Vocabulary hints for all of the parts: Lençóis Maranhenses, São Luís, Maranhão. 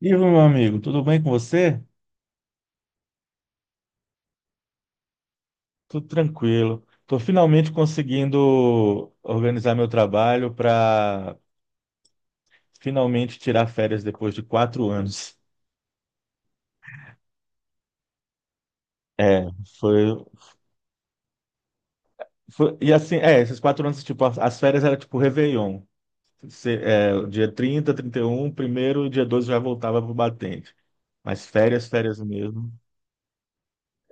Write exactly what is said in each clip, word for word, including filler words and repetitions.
Ivo, meu amigo, tudo bem com você? Tudo tranquilo. Estou finalmente conseguindo organizar meu trabalho para finalmente tirar férias depois de quatro anos. É, foi, foi- e assim, é, esses quatro anos, tipo, as, as férias eram tipo Réveillon. Você, é, o dia trinta, trinta e um, primeiro, e dia doze já voltava pro batente. Mas férias, férias mesmo.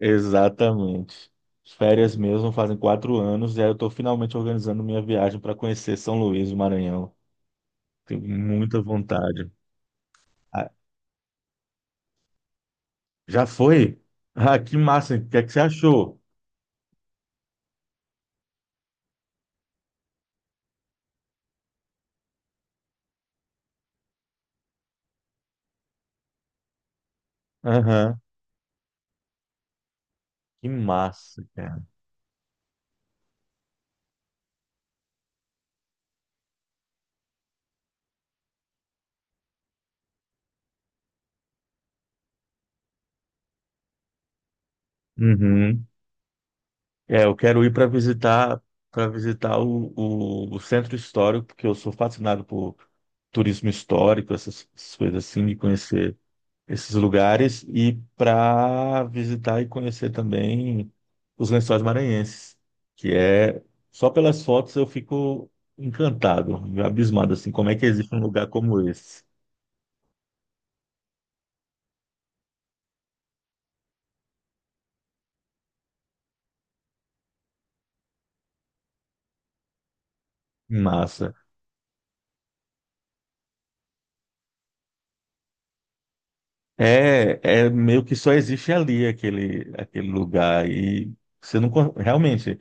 Exatamente. Férias mesmo fazem quatro anos, e aí eu estou finalmente organizando minha viagem para conhecer São Luís, do Maranhão. Tenho muita vontade. Ah, já foi? Ah, que massa. O que é que você achou? Aham. Que massa, cara. Uhum. É, eu quero ir para visitar para visitar o, o, o centro histórico, porque eu sou fascinado por turismo histórico, essas, essas coisas assim, de conhecer esses lugares e para visitar e conhecer também os Lençóis Maranhenses, que é só pelas fotos eu fico encantado, abismado assim, como é que existe um lugar como esse? Massa. É, é meio que só existe ali aquele aquele lugar e você não con- realmente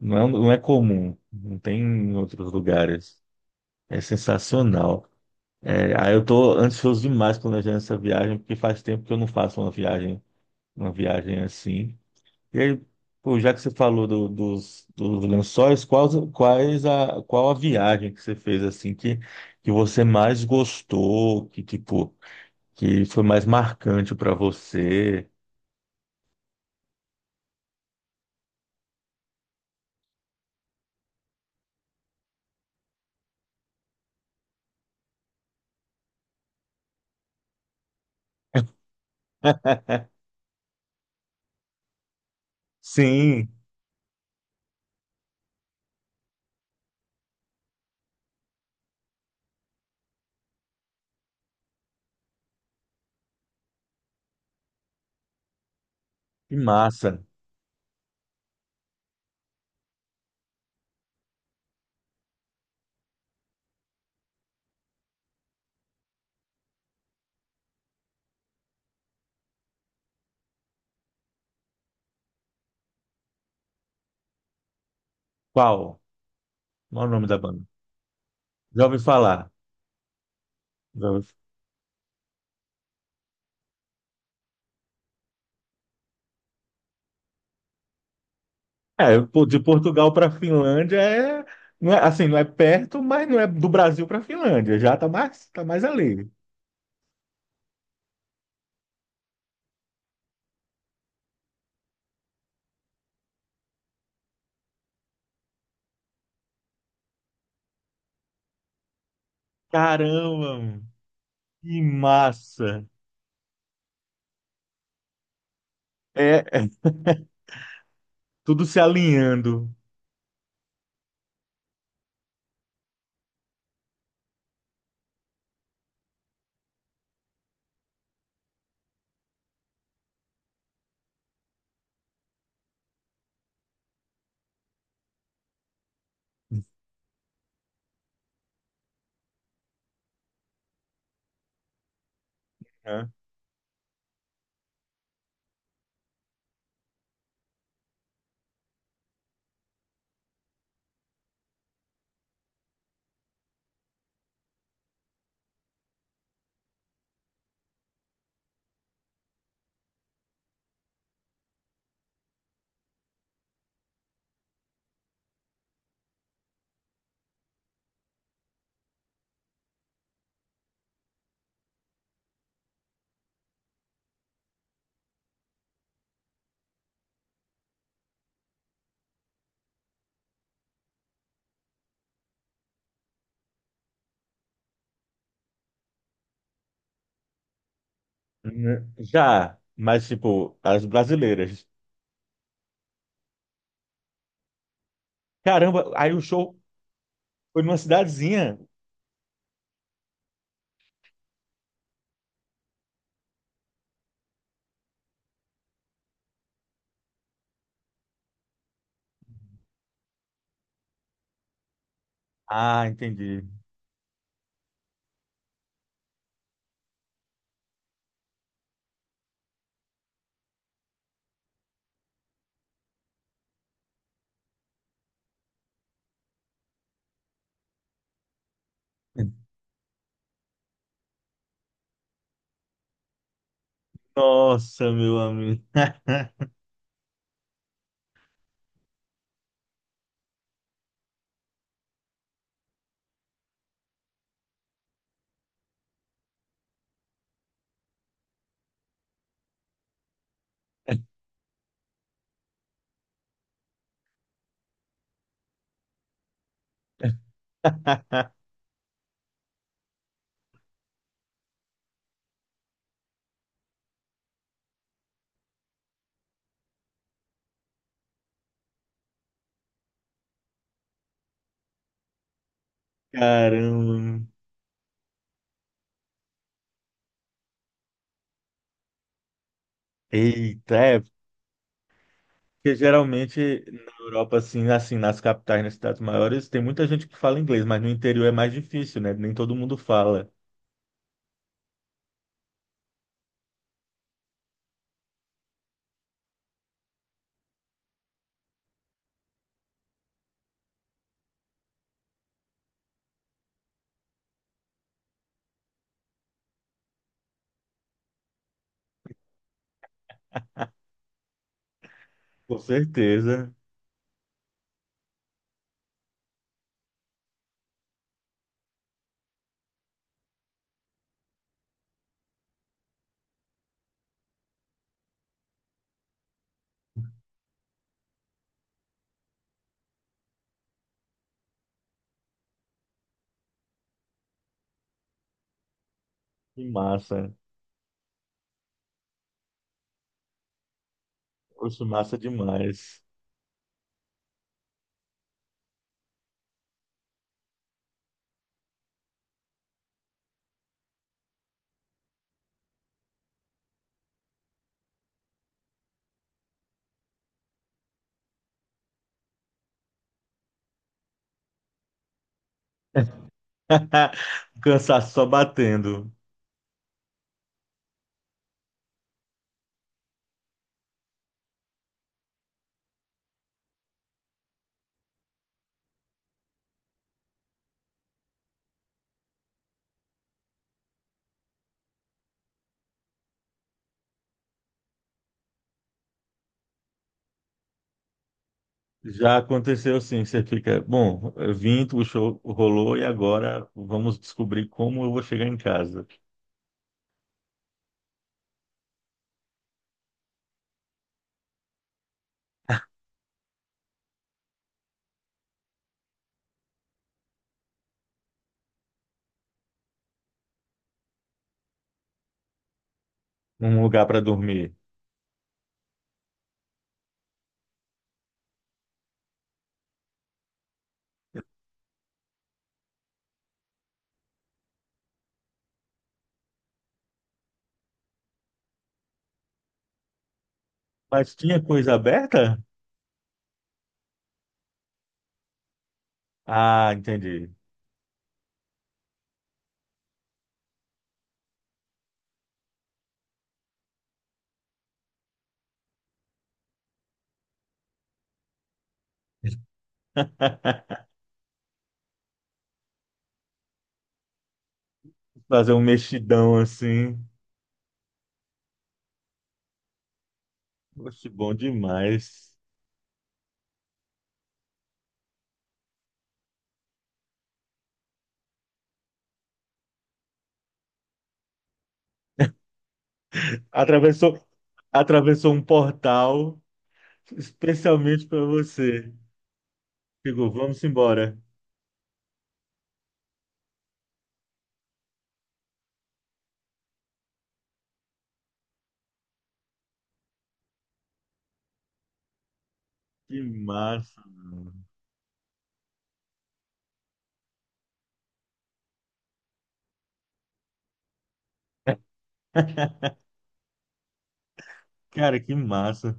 não é, um, não é comum, não tem em outros lugares. É sensacional. É, aí eu tô ansioso demais planejando essa viagem, porque faz tempo que eu não faço uma viagem uma viagem assim. E aí, pô, já que você falou do- dos, dos lençóis, quais, quais a, qual a viagem que você fez assim que, que você mais gostou, que tipo, que foi mais marcante para você? Sim, que massa. Qual? Qual é o nome da banda? Já ouvi falar. Já ouvi- É, pô, de Portugal para Finlândia é, não é assim, não é perto, mas não é do Brasil para Finlândia, já tá mais, tá mais ali. Caramba, que massa! É, é tudo se alinhando, né? Né? Já, mas tipo, as brasileiras. Caramba, aí o show foi numa cidadezinha. Ah, entendi. Nossa, meu amigo. Caramba. Eita, é, porque geralmente na Europa, assim, assim, nas capitais, nas cidades maiores, tem muita gente que fala inglês, mas no interior é mais difícil, né? Nem todo mundo fala. Com certeza. Que massa. Poxa, massa demais. O cansaço só batendo. Já aconteceu sim, você fica, bom, eu vim, o show rolou e agora vamos descobrir como eu vou chegar em casa, num lugar para dormir. Mas tinha coisa aberta? Ah, entendi. Fazer um mexidão assim. Poxa, bom demais. Atravessou, atravessou um portal especialmente para você. Chegou, vamos embora. Que massa. Cara, que massa.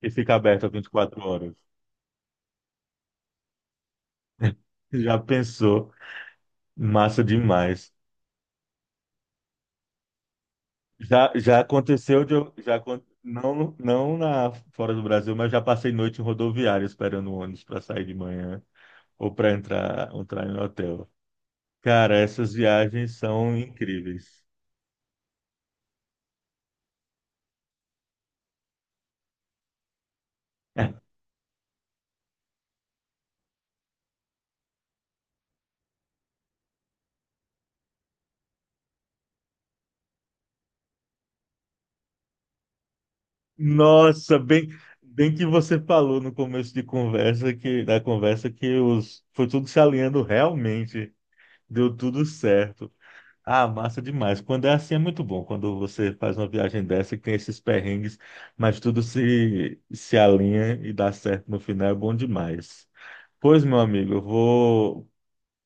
E fica aberto a 24 horas. Já pensou? Massa demais. Já, já aconteceu de eu, já, acon- não, não na, fora do Brasil, mas já passei noite em rodoviária esperando o ônibus para sair de manhã ou para entrar, entrar em hotel. Cara, essas viagens são incríveis. Nossa, bem, bem que você falou no começo de conversa que da conversa que os foi tudo se alinhando realmente, deu tudo certo. Ah, massa demais. Quando é assim é muito bom. Quando você faz uma viagem dessa que tem esses perrengues, mas tudo se, se alinha e dá certo no final, é bom demais. Pois, meu amigo, eu vou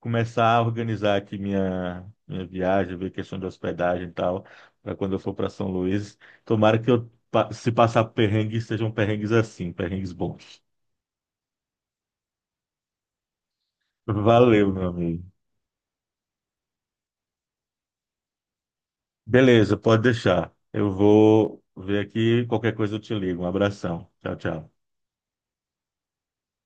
começar a organizar aqui minha, minha viagem, ver questão de hospedagem e tal, para quando eu for para São Luís. Tomara que eu, pa- se passar perrengue, sejam perrengues assim, perrengues bons. Valeu, meu amigo. Beleza, pode deixar. Eu vou ver aqui, qualquer coisa eu te ligo. Um abração. Tchau, tchau.